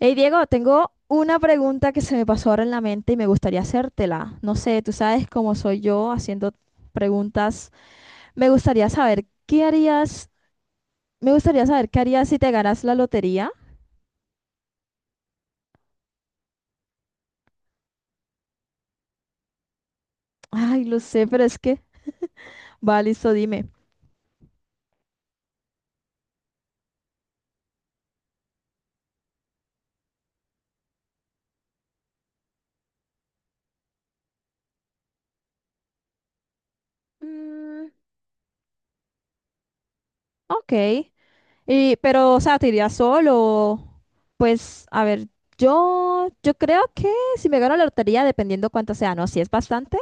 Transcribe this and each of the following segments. Hey Diego, tengo una pregunta que se me pasó ahora en la mente y me gustaría hacértela. No sé, tú sabes cómo soy yo haciendo preguntas. Me gustaría saber qué harías, me gustaría saber qué harías si te ganas la lotería. Ay, lo sé, pero es que, va, listo, dime. Mm, ok. Y, pero, o sea, ¿te irías solo? Pues, a ver, yo creo que si me gano la lotería, dependiendo cuánto sea, ¿no? Si es bastante.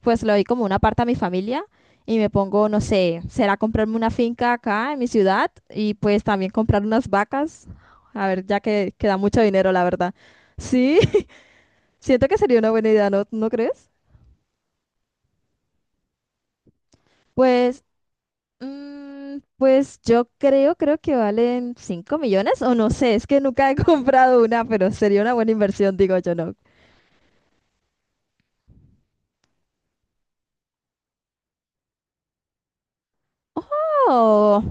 Pues le doy como una parte a mi familia y me pongo, no sé, será comprarme una finca acá en mi ciudad y pues también comprar unas vacas. A ver, ya que da mucho dinero, la verdad. Sí, siento que sería una buena idea, ¿no, no crees? Pues, pues yo creo que valen 5 millones o no sé, es que nunca he comprado una, pero sería una buena inversión, digo yo, ¿no? ¡Oh!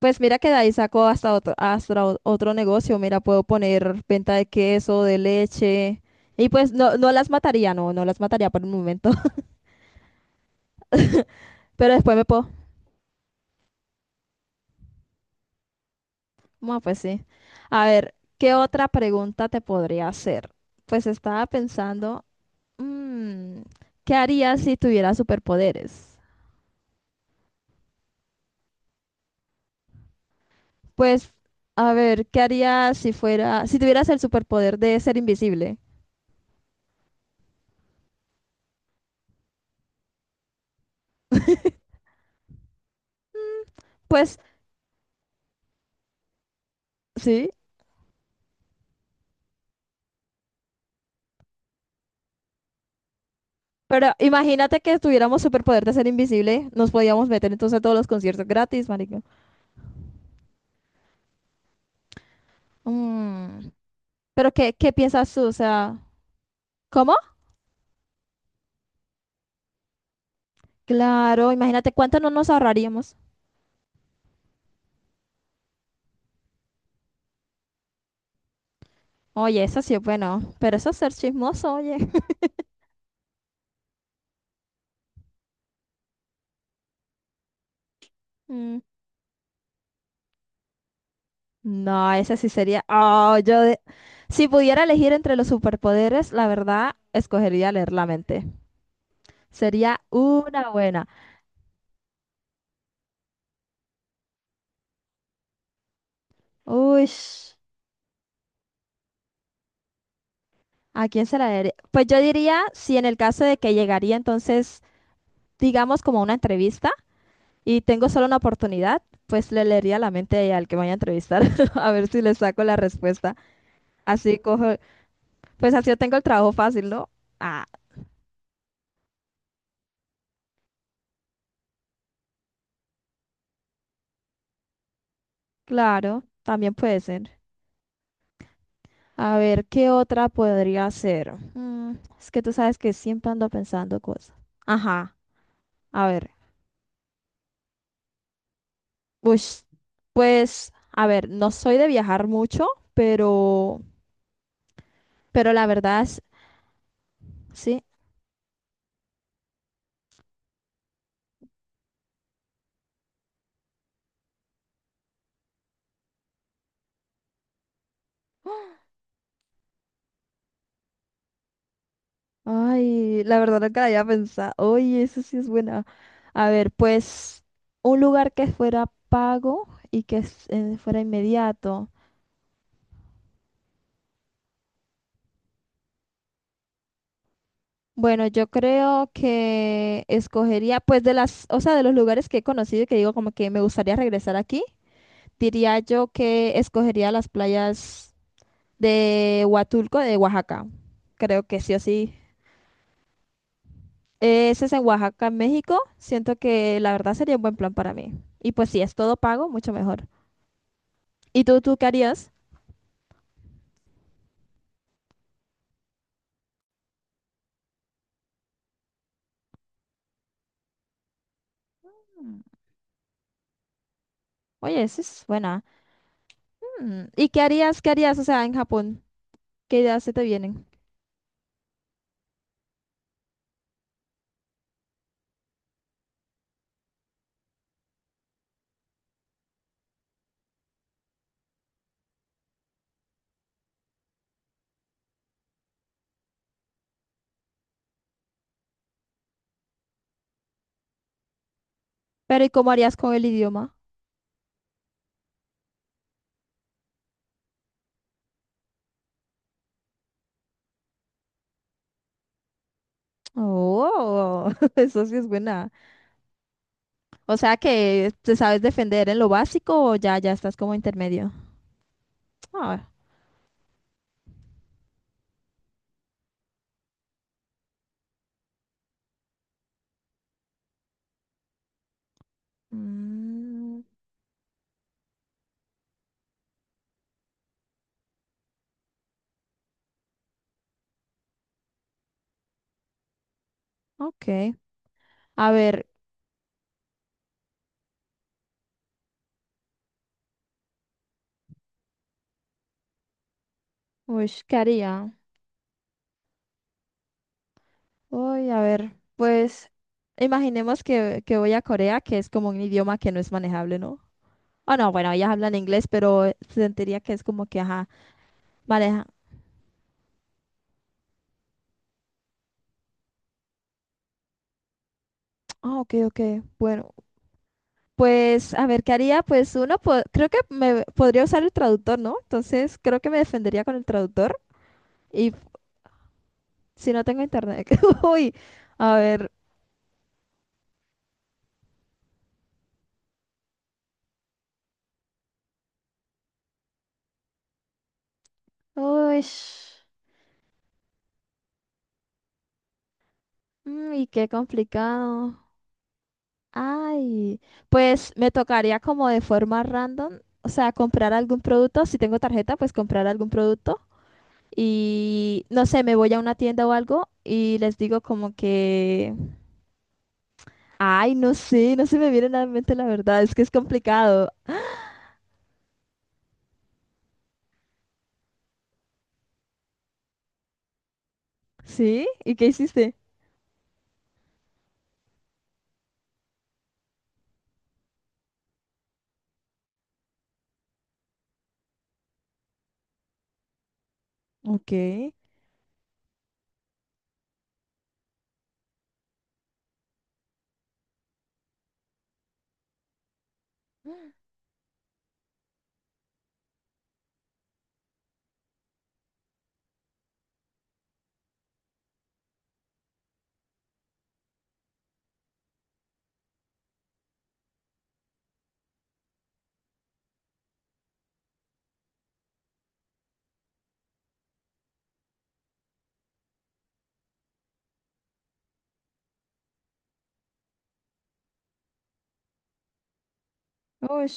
Pues mira que de ahí saco hasta otro negocio. Mira, puedo poner venta de queso, de leche. Y pues no, no las mataría, no, no las mataría por un momento. Pero después me puedo. Bueno, pues sí. A ver, ¿qué otra pregunta te podría hacer? Pues estaba pensando, mm, ¿qué harías si tuvieras superpoderes? Pues, a ver, ¿qué harías si tuvieras el superpoder de ser invisible? Pues sí. Pero imagínate que tuviéramos superpoder de ser invisible, nos podíamos meter entonces a todos los conciertos gratis, marica. Mm, Pero ¿qué piensas tú? O sea, ¿cómo? Claro, imagínate cuánto no nos ahorraríamos. Oye, eso sí es bueno, pero eso es ser chismoso, oye. Mm, no, ese sí sería. Oh. Si pudiera elegir entre los superpoderes, la verdad, escogería leer la mente. Sería una buena. Uy, ¿a quién se la daría? Pues yo diría, si en el caso de que llegaría entonces digamos, como una entrevista y tengo solo una oportunidad, pues le leería la mente al que me vaya a entrevistar a ver si le saco la respuesta. Así cojo, pues así yo tengo el trabajo fácil, ¿no? Ah, claro, también puede ser. A ver, ¿qué otra podría ser? Es que tú sabes que siempre ando pensando cosas. Ajá, a ver. Ush, pues, a ver, no soy de viajar mucho, pero, pero la verdad es, sí. Ay, la verdad nunca la había pensado. Oye, eso sí es buena. A ver, pues un lugar que fuera pago y fuera inmediato. Bueno, yo creo que escogería, pues de las, o sea, de los lugares que he conocido y que digo como que me gustaría regresar aquí, diría yo que escogería las playas de Huatulco, de Oaxaca. Creo que sí o sí. Ese es en Oaxaca, en México. Siento que la verdad sería un buen plan para mí. Y pues si es todo pago, mucho mejor. ¿Y tú qué harías? Mm, Oye, esa es buena. ¿Y qué harías, o sea, en Japón? ¿Qué ideas se te vienen? Pero ¿y cómo harías con el idioma? Oh, eso sí es buena. O sea que te sabes defender en lo básico o ya estás como intermedio. Ah, mm, ok. A ver, uy, ¿qué haría? Uy, a ver, pues imaginemos que voy a Corea, que es como un idioma que no es manejable, ¿no? Ah, no, bueno, ellas hablan inglés, pero sentiría que es como que, ajá. Vale, ajá. Ah, ok, ok. Bueno, pues a ver, ¿qué haría? Pues uno, creo que me podría usar el traductor, ¿no? Entonces, creo que me defendería con el traductor. Y si no tengo internet. Uy, a ver. Uy, y qué complicado. Ay, pues me tocaría como de forma random, o sea, comprar algún producto. Si tengo tarjeta, pues comprar algún producto. Y no sé, me voy a una tienda o algo y les digo como que. Ay, no sé, no se me viene nada en mente la verdad, es que es complicado. ¿Sí? ¿Y qué hiciste? Ok. Uy,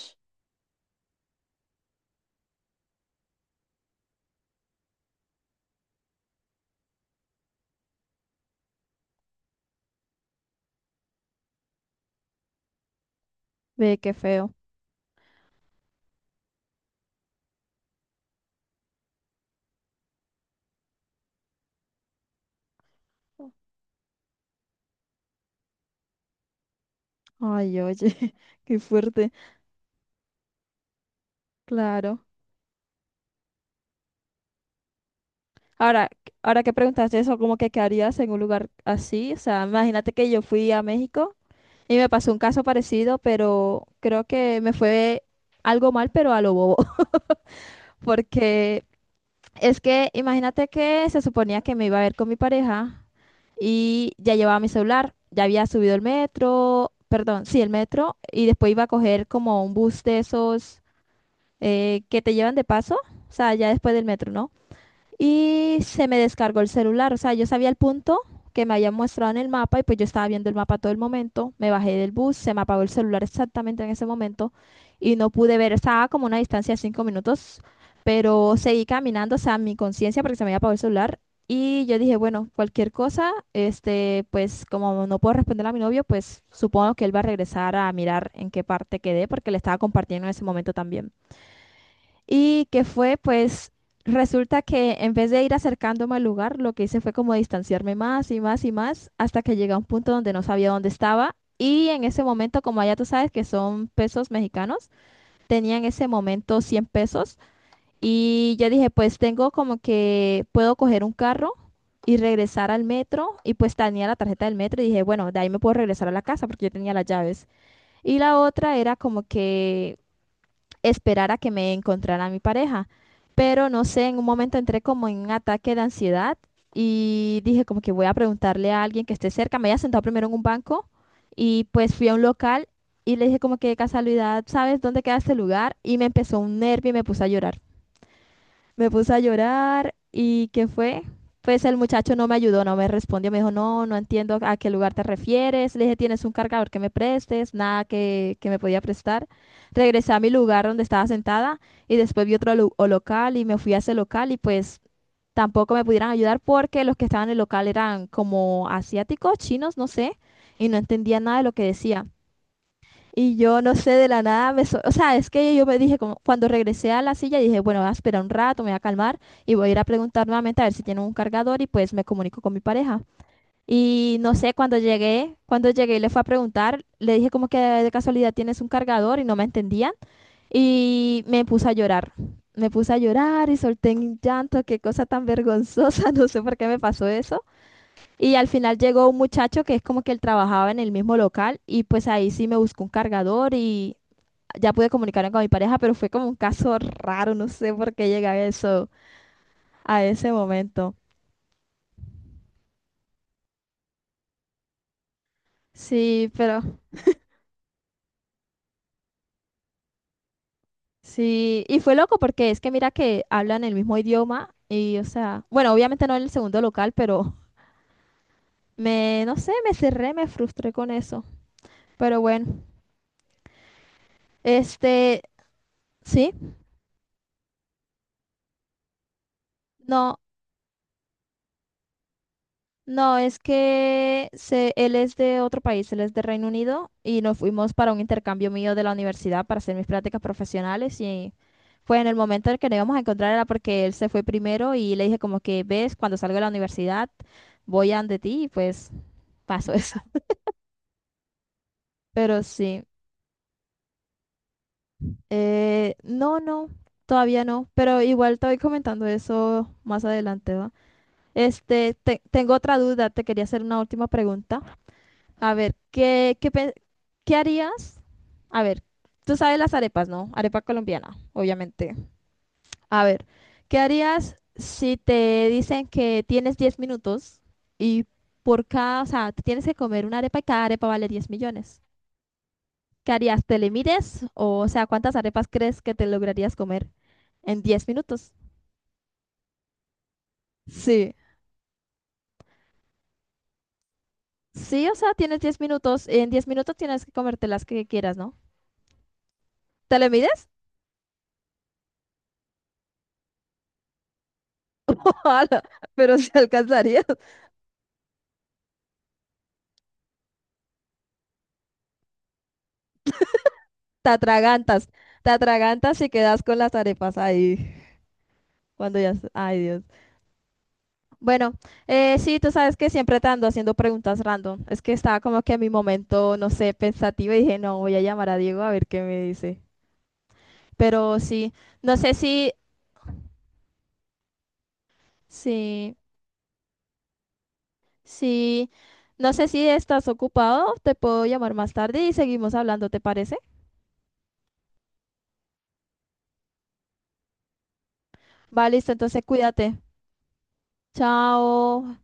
ve, qué feo. Ay, oye, qué fuerte. Claro. Ahora, ahora que preguntaste eso, ¿cómo que qué harías en un lugar así? O sea, imagínate que yo fui a México y me pasó un caso parecido, pero creo que me fue algo mal, pero a lo bobo, porque. Es que imagínate que se suponía que me iba a ver con mi pareja y ya llevaba mi celular, ya había subido el metro, perdón, sí, el metro, y después iba a coger como un bus de esos que te llevan de paso, o sea, ya después del metro, ¿no? Y se me descargó el celular. O sea, yo sabía el punto que me habían mostrado en el mapa y pues yo estaba viendo el mapa todo el momento. Me bajé del bus, se me apagó el celular exactamente en ese momento y no pude ver. Estaba como a una distancia de 5 minutos, pero seguí caminando, o sea, mi conciencia porque se me había apagado el celular. Y yo dije, bueno, cualquier cosa, este, pues como no puedo responder a mi novio, pues supongo que él va a regresar a mirar en qué parte quedé, porque le estaba compartiendo en ese momento también. Y que fue, pues, resulta que en vez de ir acercándome al lugar, lo que hice fue como distanciarme más y más y más hasta que llegué a un punto donde no sabía dónde estaba. Y en ese momento, como allá tú sabes que son pesos mexicanos, tenía en ese momento 100 pesos. Y yo dije, pues tengo como que puedo coger un carro y regresar al metro. Y pues tenía la tarjeta del metro y dije, bueno, de ahí me puedo regresar a la casa porque yo tenía las llaves. Y la otra era como que esperar a que me encontrara mi pareja. Pero no sé, en un momento entré como en un ataque de ansiedad y dije como que voy a preguntarle a alguien que esté cerca. Me había sentado primero en un banco y pues fui a un local y le dije como que de casualidad, ¿sabes dónde queda este lugar? Y me empezó un nervio y me puse a llorar. Me puse a llorar y ¿qué fue? Pues el muchacho no me ayudó, no me respondió, me dijo, no, no entiendo a qué lugar te refieres. Le dije, ¿tienes un cargador que me prestes? Nada que me podía prestar. Regresé a mi lugar donde estaba sentada y después vi otro lu- o local y me fui a ese local y pues tampoco me pudieran ayudar porque los que estaban en el local eran como asiáticos, chinos, no sé, y no entendía nada de lo que decían. Y yo no sé, de la nada, o sea, es que yo me dije, como, cuando regresé a la silla, dije, bueno, voy a esperar un rato, me voy a calmar y voy a ir a preguntar nuevamente a ver si tiene un cargador y pues me comunico con mi pareja. Y no sé, cuando llegué y le fue a preguntar, le dije como que de casualidad tienes un cargador y no me entendían y me puse a llorar. Me puse a llorar y solté un llanto, qué cosa tan vergonzosa, no sé por qué me pasó eso. Y al final llegó un muchacho que es como que él trabajaba en el mismo local y pues ahí sí me buscó un cargador y ya pude comunicarme con mi pareja, pero fue como un caso raro, no sé por qué llegué a eso, a ese momento. Sí, pero sí, y fue loco porque es que mira que hablan el mismo idioma y, o sea, bueno, obviamente no en el segundo local, pero no sé, me cerré, me frustré con eso. Pero bueno, este, sí, no. No, es que él es de otro país, él es de Reino Unido y nos fuimos para un intercambio mío de la universidad para hacer mis prácticas profesionales y fue en el momento en el que nos íbamos a encontrar era porque él se fue primero y le dije como que ves, cuando salgo de la universidad voy a de ti y pues pasó eso. Pero sí, no, no, todavía no, pero igual te voy comentando eso más adelante, ¿va? Este, tengo otra duda, te quería hacer una última pregunta. A ver, qué harías? A ver, tú sabes las arepas, ¿no? Arepa colombiana, obviamente. A ver, ¿qué harías si te dicen que tienes 10 minutos y por cada, o sea, te tienes que comer una arepa y cada arepa vale 10 millones? ¿Qué harías? ¿Te le mides? O sea, ¿cuántas arepas crees que te lograrías comer en 10 minutos? Sí. Sí, o sea, tienes 10 minutos. En 10 minutos tienes que comerte las que quieras, ¿no? ¿Te le mides? Ojalá, pero se alcanzaría. Te atragantas, te atragantas y quedas con las arepas ahí. Cuando ya, ay Dios. Bueno, sí, tú sabes que siempre te ando haciendo preguntas random. Es que estaba como que en mi momento, no sé, pensativa y dije, no, voy a llamar a Diego a ver qué me dice. Pero sí, no sé si, sí, sí, no sé si estás ocupado, te puedo llamar más tarde y seguimos hablando, ¿te parece? Va, listo, entonces cuídate. Chao.